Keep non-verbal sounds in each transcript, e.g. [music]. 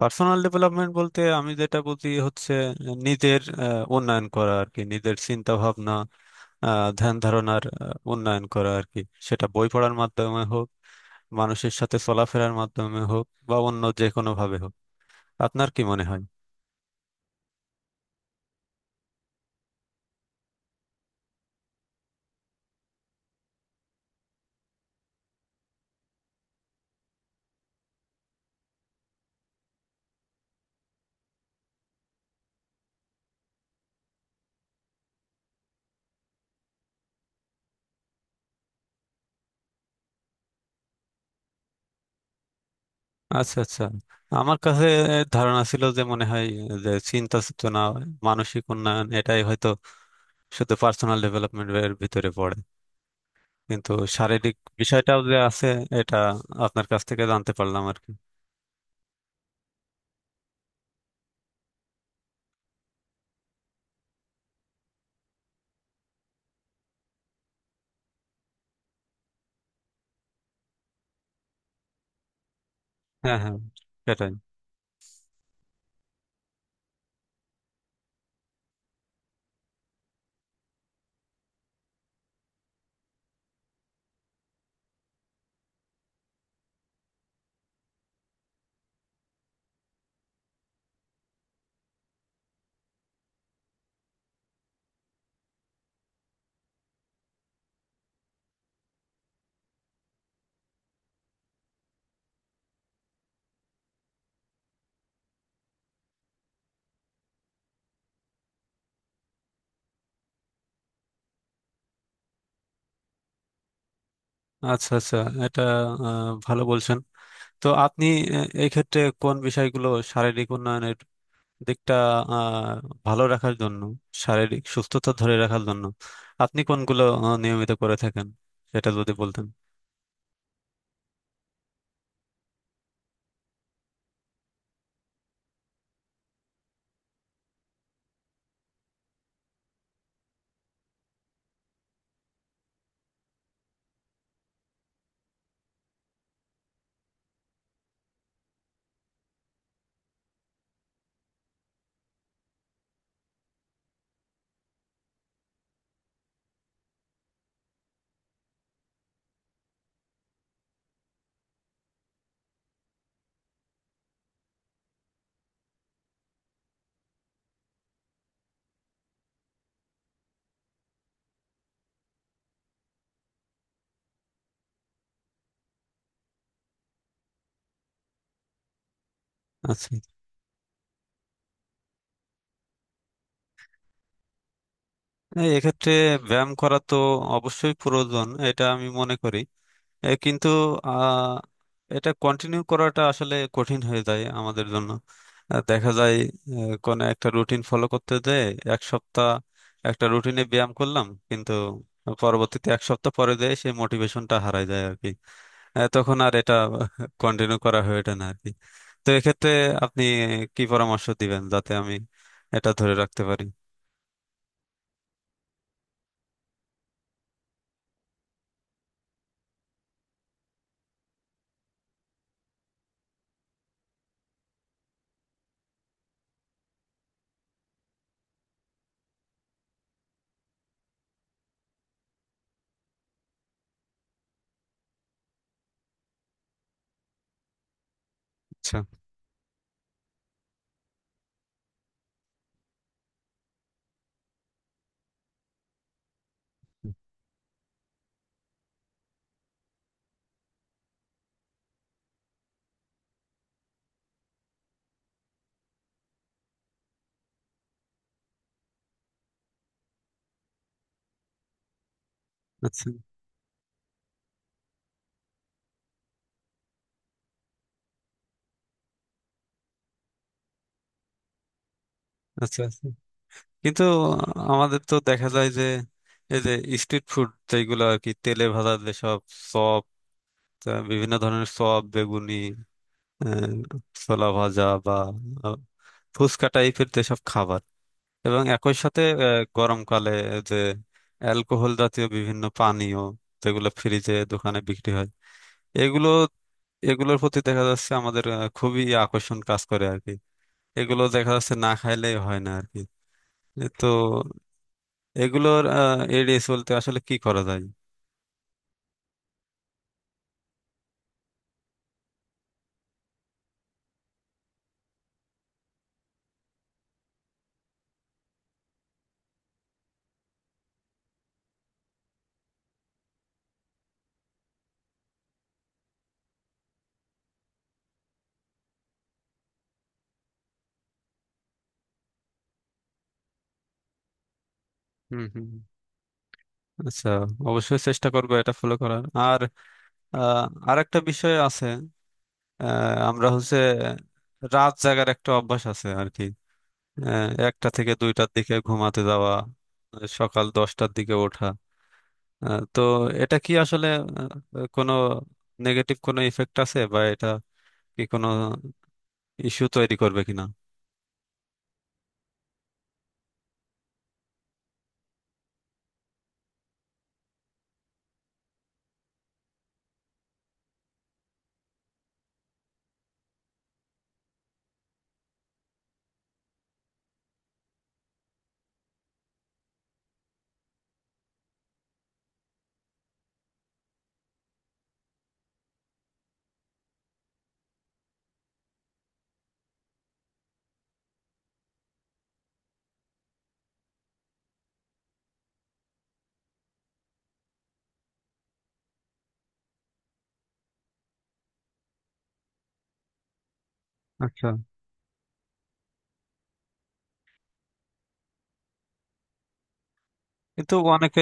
Personal development বলতে আমি যেটা বুঝি হচ্ছে নিজের উন্নয়ন করা আর কি। নিজের চিন্তা ভাবনা, ধ্যান ধারণার উন্নয়ন করা আর কি। সেটা বই পড়ার মাধ্যমে হোক, মানুষের সাথে চলাফেরার মাধ্যমে হোক, বা অন্য যে কোনো ভাবে হোক। আপনার কি মনে হয়? আচ্ছা, আচ্ছা। আমার কাছে ধারণা ছিল যে, মনে হয় যে চিন্তা চেতনা, মানসিক উন্নয়ন এটাই হয়তো শুধু পার্সোনাল ডেভেলপমেন্টের ভিতরে পড়ে, কিন্তু শারীরিক বিষয়টাও যে আছে এটা আপনার কাছ থেকে জানতে পারলাম আর কি। হ্যাঁ, হ্যাঁ, সেটাই। আচ্ছা, আচ্ছা। এটা ভালো বলছেন। তো আপনি এই ক্ষেত্রে কোন বিষয়গুলো শারীরিক উন্নয়নের দিকটা আহ, ভালো রাখার জন্য, শারীরিক সুস্থতা ধরে রাখার জন্য আপনি কোনগুলো নিয়মিত করে থাকেন, সেটা যদি বলতেন। আচ্ছা। এই এক্ষেত্রে ব্যায়াম করা তো অবশ্যই প্রয়োজন, এটা আমি মনে করি। এ কিন্তু আহ, এটা কন্টিনিউ করাটা আসলে কঠিন হয়ে যায় আমাদের জন্য। দেখা যায় কোনো একটা রুটিন ফলো করতে দেয় এক সপ্তাহ। একটা রুটিনে ব্যায়াম করলাম, কিন্তু পরবর্তীতে এক সপ্তাহ পরে দেয় সেই মোটিভেশনটা হারায় যায় আর কি। তখন আর এটা [laughs] কন্টিনিউ করা হয়ে ওঠে না আর কি। তো এক্ষেত্রে আপনি কি পরামর্শ দিবেন যাতে আমি এটা ধরে রাখতে পারি? আচ্ছা, আচ্ছা। আচ্ছা, আচ্ছা। কিন্তু আমাদের তো দেখা যায় যে এই যে স্ট্রিট ফুড যেগুলো আর কি, তেলে ভাজা যেসব চপ, বিভিন্ন ধরনের চপ, বেগুনি, আহ, ছোলা ভাজা, বা আহ, ফুচকা টাইপের যেসব খাবার, এবং একই সাথে গরমকালে যে অ্যালকোহল জাতীয় বিভিন্ন পানীয় যেগুলো ফ্রিজে দোকানে বিক্রি হয়, এগুলো, এগুলোর প্রতি দেখা যাচ্ছে আমাদের খুবই আকর্ষণ কাজ করে আর কি। এগুলো দেখা যাচ্ছে না খাইলেই হয় না আর কি। এ তো, এগুলোর এড়িয়ে চলতে আসলে কি করা যায়? হুম, হুম, হুম। আচ্ছা, অবশ্যই চেষ্টা করবো এটা ফলো করার। আর আর একটা বিষয় আছে, আমরা হচ্ছে রাত জাগার একটা অভ্যাস আছে আর কি। 1টা থেকে 2টার দিকে ঘুমাতে যাওয়া, সকাল 10টার দিকে ওঠা। তো এটা কি আসলে কোনো নেগেটিভ কোনো ইফেক্ট আছে, বা এটা কি কোনো ইস্যু তৈরি করবে কিনা? আচ্ছা, কিন্তু অনেকে,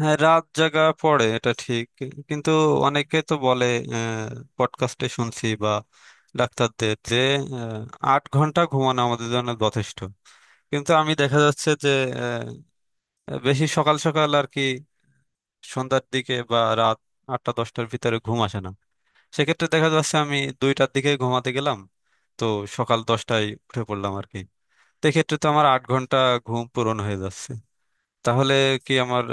হ্যাঁ রাত জাগা পড়ে এটা ঠিক। কিন্তু অনেকে তো বলে, পডকাস্টে শুনছি বা ডাক্তারদের, যে আহ, 8 ঘন্টা ঘুমানো আমাদের জন্য যথেষ্ট। কিন্তু আমি দেখা যাচ্ছে যে আহ, বেশি সকাল সকাল আর কি, সন্ধ্যার দিকে বা রাত 8টা 10টার ভিতরে ঘুম আসে না। সেক্ষেত্রে দেখা যাচ্ছে আমি 2টার দিকে ঘুমাতে গেলাম, তো সকাল 10টায় উঠে পড়লাম আর কি। সেক্ষেত্রে তো আমার 8 ঘন্টা ঘুম পূরণ হয়ে যাচ্ছে। তাহলে কি আমার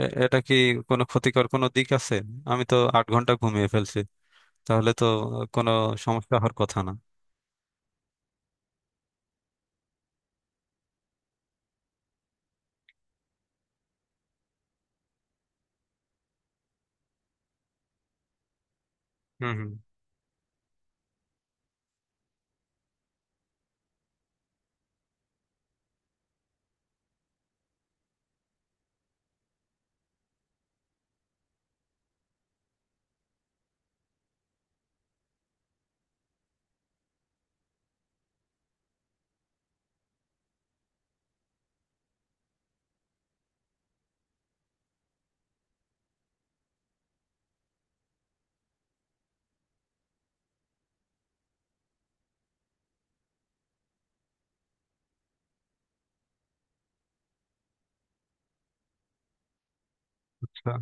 এটা কি কোনো ক্ষতিকর কোনো দিক আছে? আমি তো 8 ঘন্টা ঘুমিয়ে ফেলছি, তাহলে তো কোনো সমস্যা হওয়ার কথা না। হুম, হুম। আচ্ছা,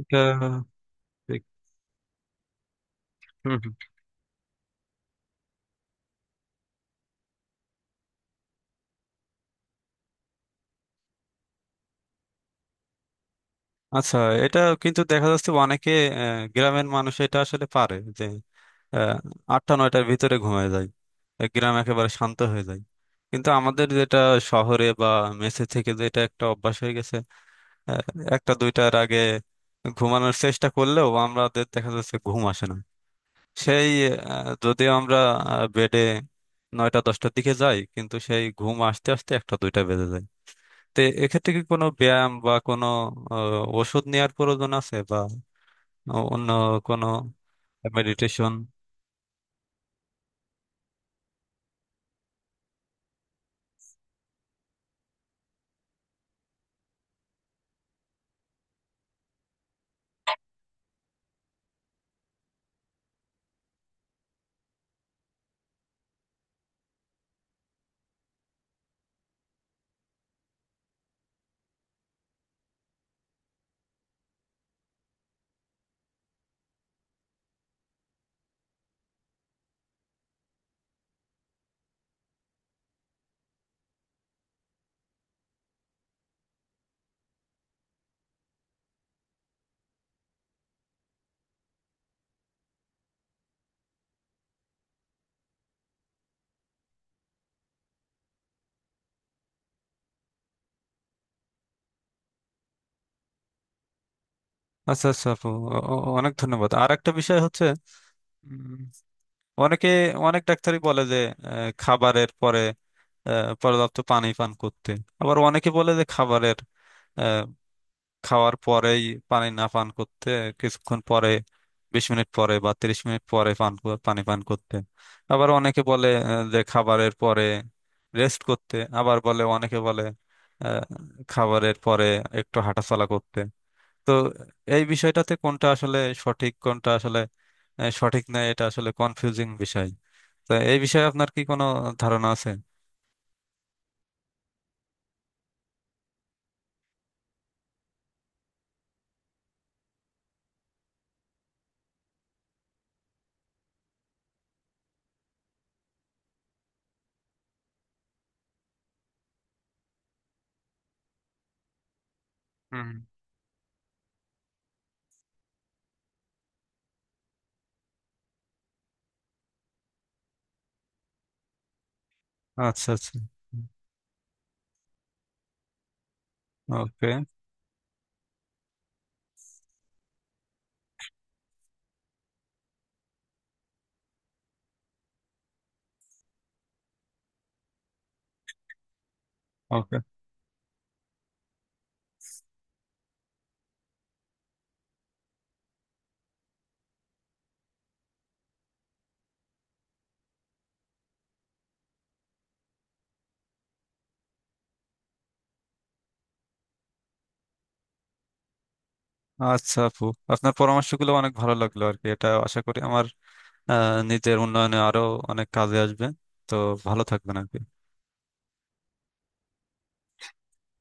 এটা ঠিক। হুম, হুম। আচ্ছা, এটা কিন্তু দেখা যাচ্ছে অনেকে, গ্রামের মানুষ এটা আসলে পারে যে আহ, 8টা 9টার ভিতরে ঘুমিয়ে যায়। গ্রাম একেবারে শান্ত হয়ে যায়। কিন্তু আমাদের যেটা শহরে বা মেসে থেকে যেটা একটা অভ্যাস হয়ে গেছে, আহ, 1টা 2টার আগে ঘুমানোর চেষ্টা করলেও আমাদের দেখা যাচ্ছে ঘুম আসে না। সেই যদিও আমরা বেডে 9টা 10টার দিকে যাই, কিন্তু সেই ঘুম আসতে আসতে 1টা 2টা বেজে যায়। তো এক্ষেত্রে কি কোনো ব্যায়াম বা কোনো ওষুধ নেওয়ার প্রয়োজন আছে, বা অন্য কোনো মেডিটেশন? আচ্ছা, আচ্ছা আপু, অনেক ধন্যবাদ। আর একটা বিষয় হচ্ছে, উম, অনেকে, অনেক ডাক্তারই বলে যে খাবারের পরে পর্যাপ্ত পানি পান করতে। আবার অনেকে বলে যে খাবারের, খাওয়ার পরেই পানি না পান করতে, কিছুক্ষণ পরে, 20 মিনিট পরে বা 30 মিনিট পরে পানি পান করতে। আবার অনেকে বলে যে খাবারের পরে রেস্ট করতে। আবার বলে, অনেকে বলে আহ, খাবারের পরে একটু হাঁটাচলা করতে। তো এই বিষয়টাতে কোনটা আসলে সঠিক, কোনটা আসলে সঠিক নয়, এটা আসলে কনফিউজিং বিষয়। তো এই বিষয়ে আপনার কি কোনো ধারণা আছে? হুম। আচ্ছা, আচ্ছা। ওকে। আচ্ছা আপু, আপনার পরামর্শগুলো অনেক ভালো লাগলো আর কি। এটা আশা করি আমার নিজের উন্নয়নে আরো অনেক কাজে আসবে। তো ভালো থাকবেন আর কি।